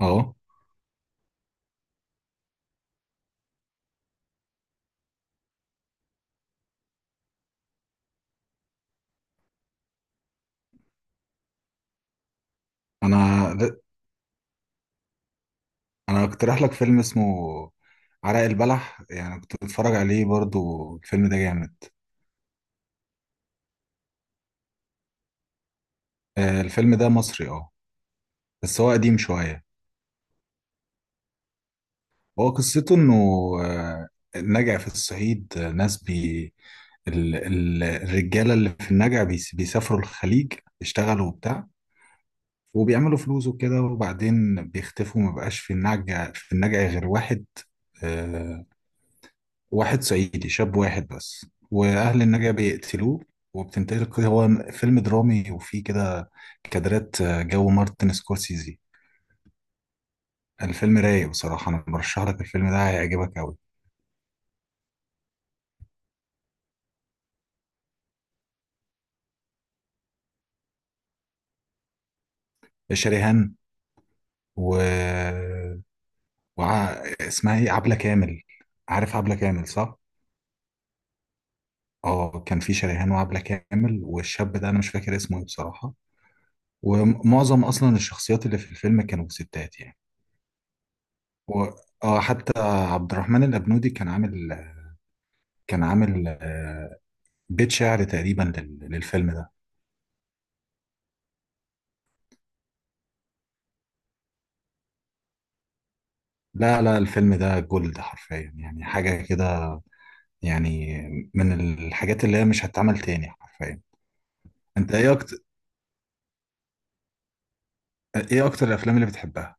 اه، انا د- انا اقترح لك فيلم اسمه عرق البلح. يعني كنت بتفرج عليه برضو، الفيلم ده جامد. الفيلم ده مصري، اه. بس هو قديم شوية. هو قصته انه آه، النجع في الصعيد، ناس الرجالة اللي في النجع بيسافروا الخليج يشتغلوا وبتاع، وبيعملوا فلوس وكده، وبعدين بيختفوا، مبقاش في النجع غير واحد، آه، واحد صعيدي شاب، واحد بس، واهل النجا بيقتلوه. وبتنتقل، هو فيلم درامي وفيه كده كادرات جو مارتن سكورسيزي. الفيلم رايق بصراحة، انا برشح لك الفيلم ده، هيعجبك قوي. شريهان و... وع... اسمها ايه، عبلة كامل. عارف عبلة كامل، صح؟ اه، كان في شريهان وعبلة كامل، والشاب ده انا مش فاكر اسمه ايه بصراحة. ومعظم اصلا الشخصيات اللي في الفيلم كانوا ستات يعني. و... اه، حتى عبد الرحمن الأبنودي كان عامل بيت شعر تقريبا للفيلم ده. لا لا، الفيلم ده جولد حرفيا، يعني حاجة كده، يعني من الحاجات اللي هي مش هتتعمل تاني حرفيا. انت ايه اكتر ايه اكتر الافلام اللي بتحبها؟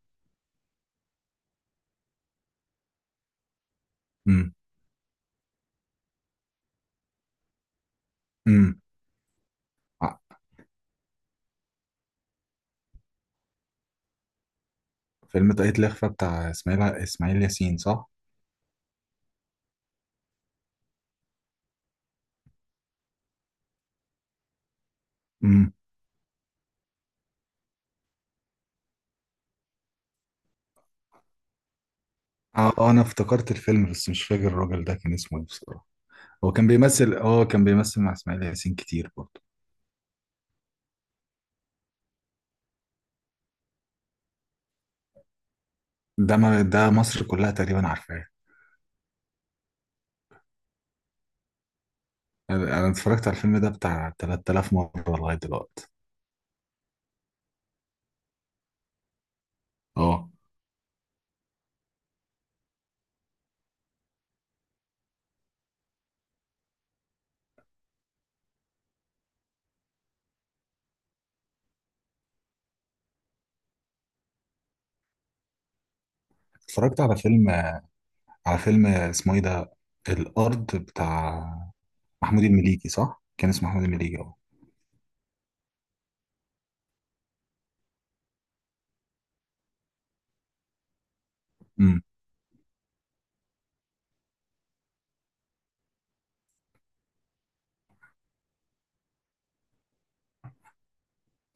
امم. امم. آه، فيلم طاقية الإخفاء بتاع اسماعيل ياسين، صح. امم. اه، انا افتكرت الفيلم بس مش فاكر الراجل ده كان اسمه ايه بصراحة. هو كان بيمثل مع اسماعيل ياسين كتير برضه. ده ما ده مصر كلها تقريبا عارفاه. انا اتفرجت على الفيلم ده بتاع 3000 مرة لغاية دلوقتي. اه، اتفرجت على فيلم اسمه ايه ده، الارض، بتاع محمود المليجي. صح، كان اسمه محمود المليجي، اه. امم.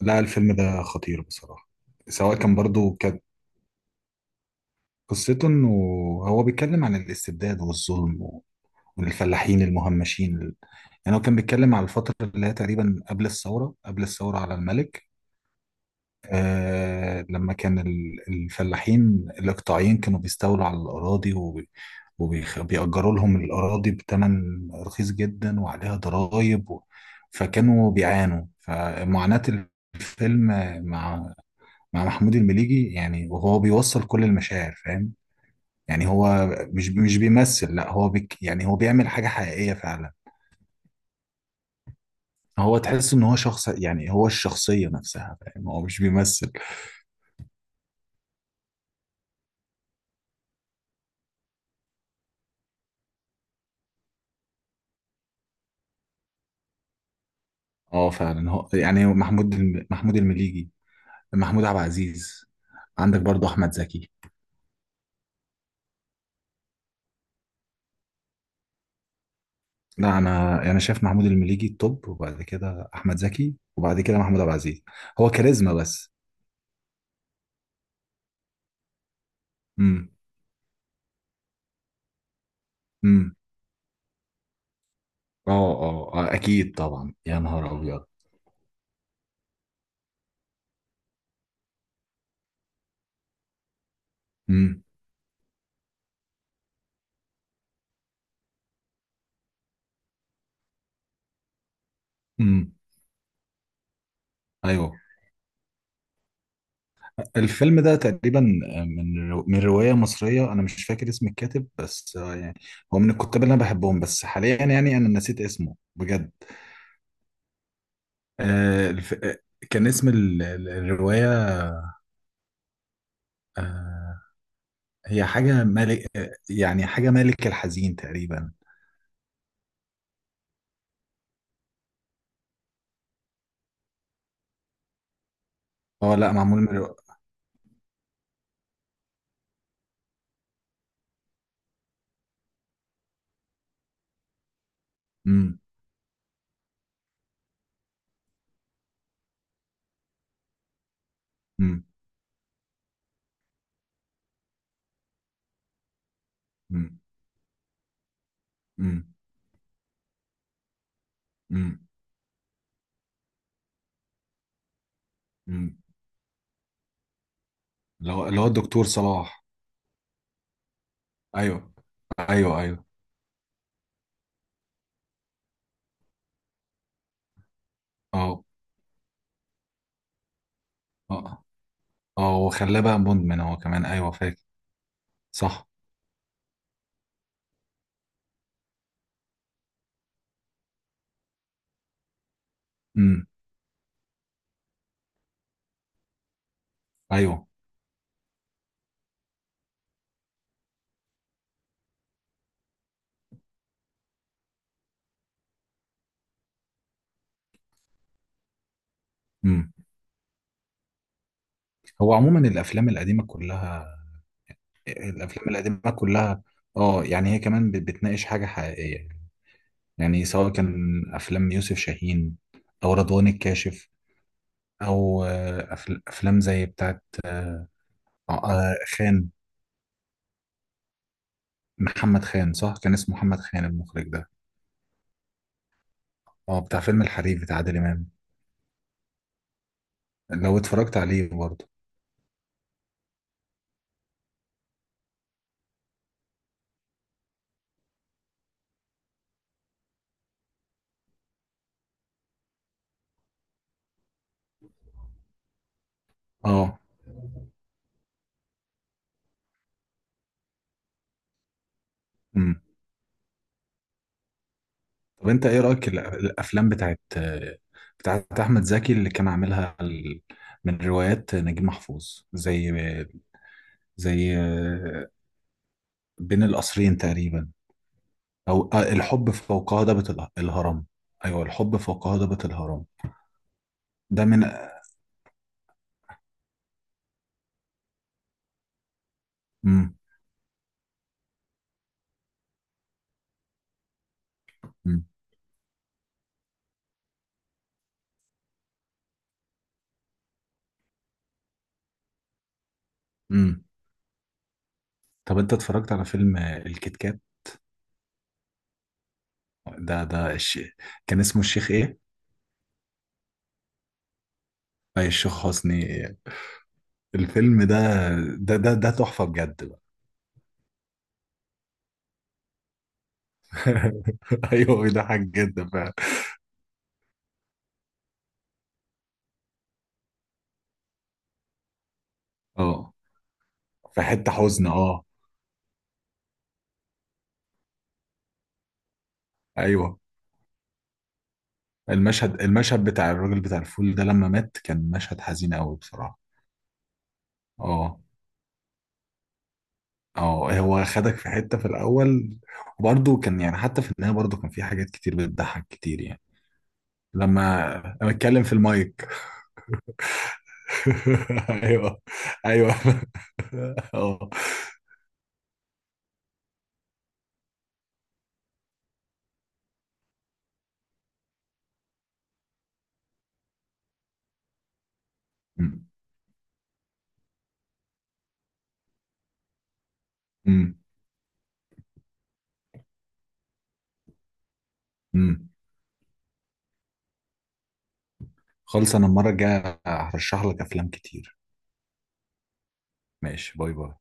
لا، الفيلم ده خطير بصراحة. سواء كان برضو كانت قصته انه هو بيتكلم عن الاستبداد والظلم، والفلاحين المهمشين. يعني هو كان بيتكلم على الفترة اللي هي تقريبا قبل الثورة، قبل الثورة على الملك. لما كان الفلاحين الإقطاعيين كانوا بيستولوا على الأراضي، وبيأجروا لهم الأراضي بثمن رخيص جدا وعليها ضرائب، فكانوا بيعانوا، فمعاناة الفيلم مع مع محمود المليجي، يعني وهو بيوصل كل المشاعر، فاهم؟ يعني هو مش بيمثل، لا هو يعني هو بيعمل حاجة حقيقية فعلا. هو تحس ان هو شخص، يعني هو الشخصية نفسها، فاهم، هو مش بيمثل. اه، فعلا، هو يعني هو محمود المليجي، محمود عبد العزيز. عندك برضه احمد زكي. لا، انا يعني انا شايف محمود المليجي التوب، وبعد كده احمد زكي، وبعد كده محمود عبد العزيز. هو كاريزما بس. امم. امم. اه، اه، اكيد طبعا، يا نهار ابيض. امم. امم. ايوه، الفيلم ده تقريبا من روايه مصريه، انا مش فاكر اسم الكاتب بس، يعني هو من الكتاب اللي انا بحبهم، بس حاليا يعني انا نسيت اسمه بجد. آه الف... آه، كان اسم الرواية، آه هي حاجة ملك، يعني حاجة ملك الحزين تقريبا. اه، لا، معمول مم. مم. مم. مم. مم. مم. اللي هو الدكتور صلاح. ايوه. ايوه، ايوه. اه، اه، اه، وخلاه بقى مدمن هو كمان، ايوه، فاكر. صح. امم. ايوه. امم. هو عموما الافلام القديمة كلها، اه، يعني هي كمان بتناقش حاجة حقيقية، يعني سواء كان افلام يوسف شاهين او رضوان الكاشف، او افلام زي بتاعت خان. محمد خان، صح، كان اسمه محمد خان المخرج ده. اه، بتاع فيلم الحريف بتاع عادل امام. لو اتفرجت عليه برضه. اه. امم. طب انت ايه رايك الافلام بتاعت احمد زكي اللي كان عاملها من روايات نجيب محفوظ، زي زي آه، بين القصرين تقريبا، أو الحب فوق هضبة الهرم. أيوه، الحب فوق هضبة الهرم. ده من. مم. مم. مم. طب أنت اتفرجت على فيلم الكيت كات؟ ده ده الش... كان اسمه الشيخ إيه؟ أي الشيخ حسني إيه؟ الفيلم ده تحفة بجد بقى. أيوه، بيضحك جدا فعلا. أه، في حتة حزن، أه. أيوه، المشهد بتاع الراجل بتاع الفول ده لما مات، كان مشهد حزين أوي بصراحة. أه، اه، هو خدك في حتة في الأول، وبرضه كان يعني حتى في النهاية برضه كان في حاجات كتير بتضحك كتير يعني، لما اتكلم في المايك. ايوه، ايوه، اه. أمم. أمم. أمم. خلص، انا المرة الجاية هرشح لك افلام كتير. ماشي، باي باي.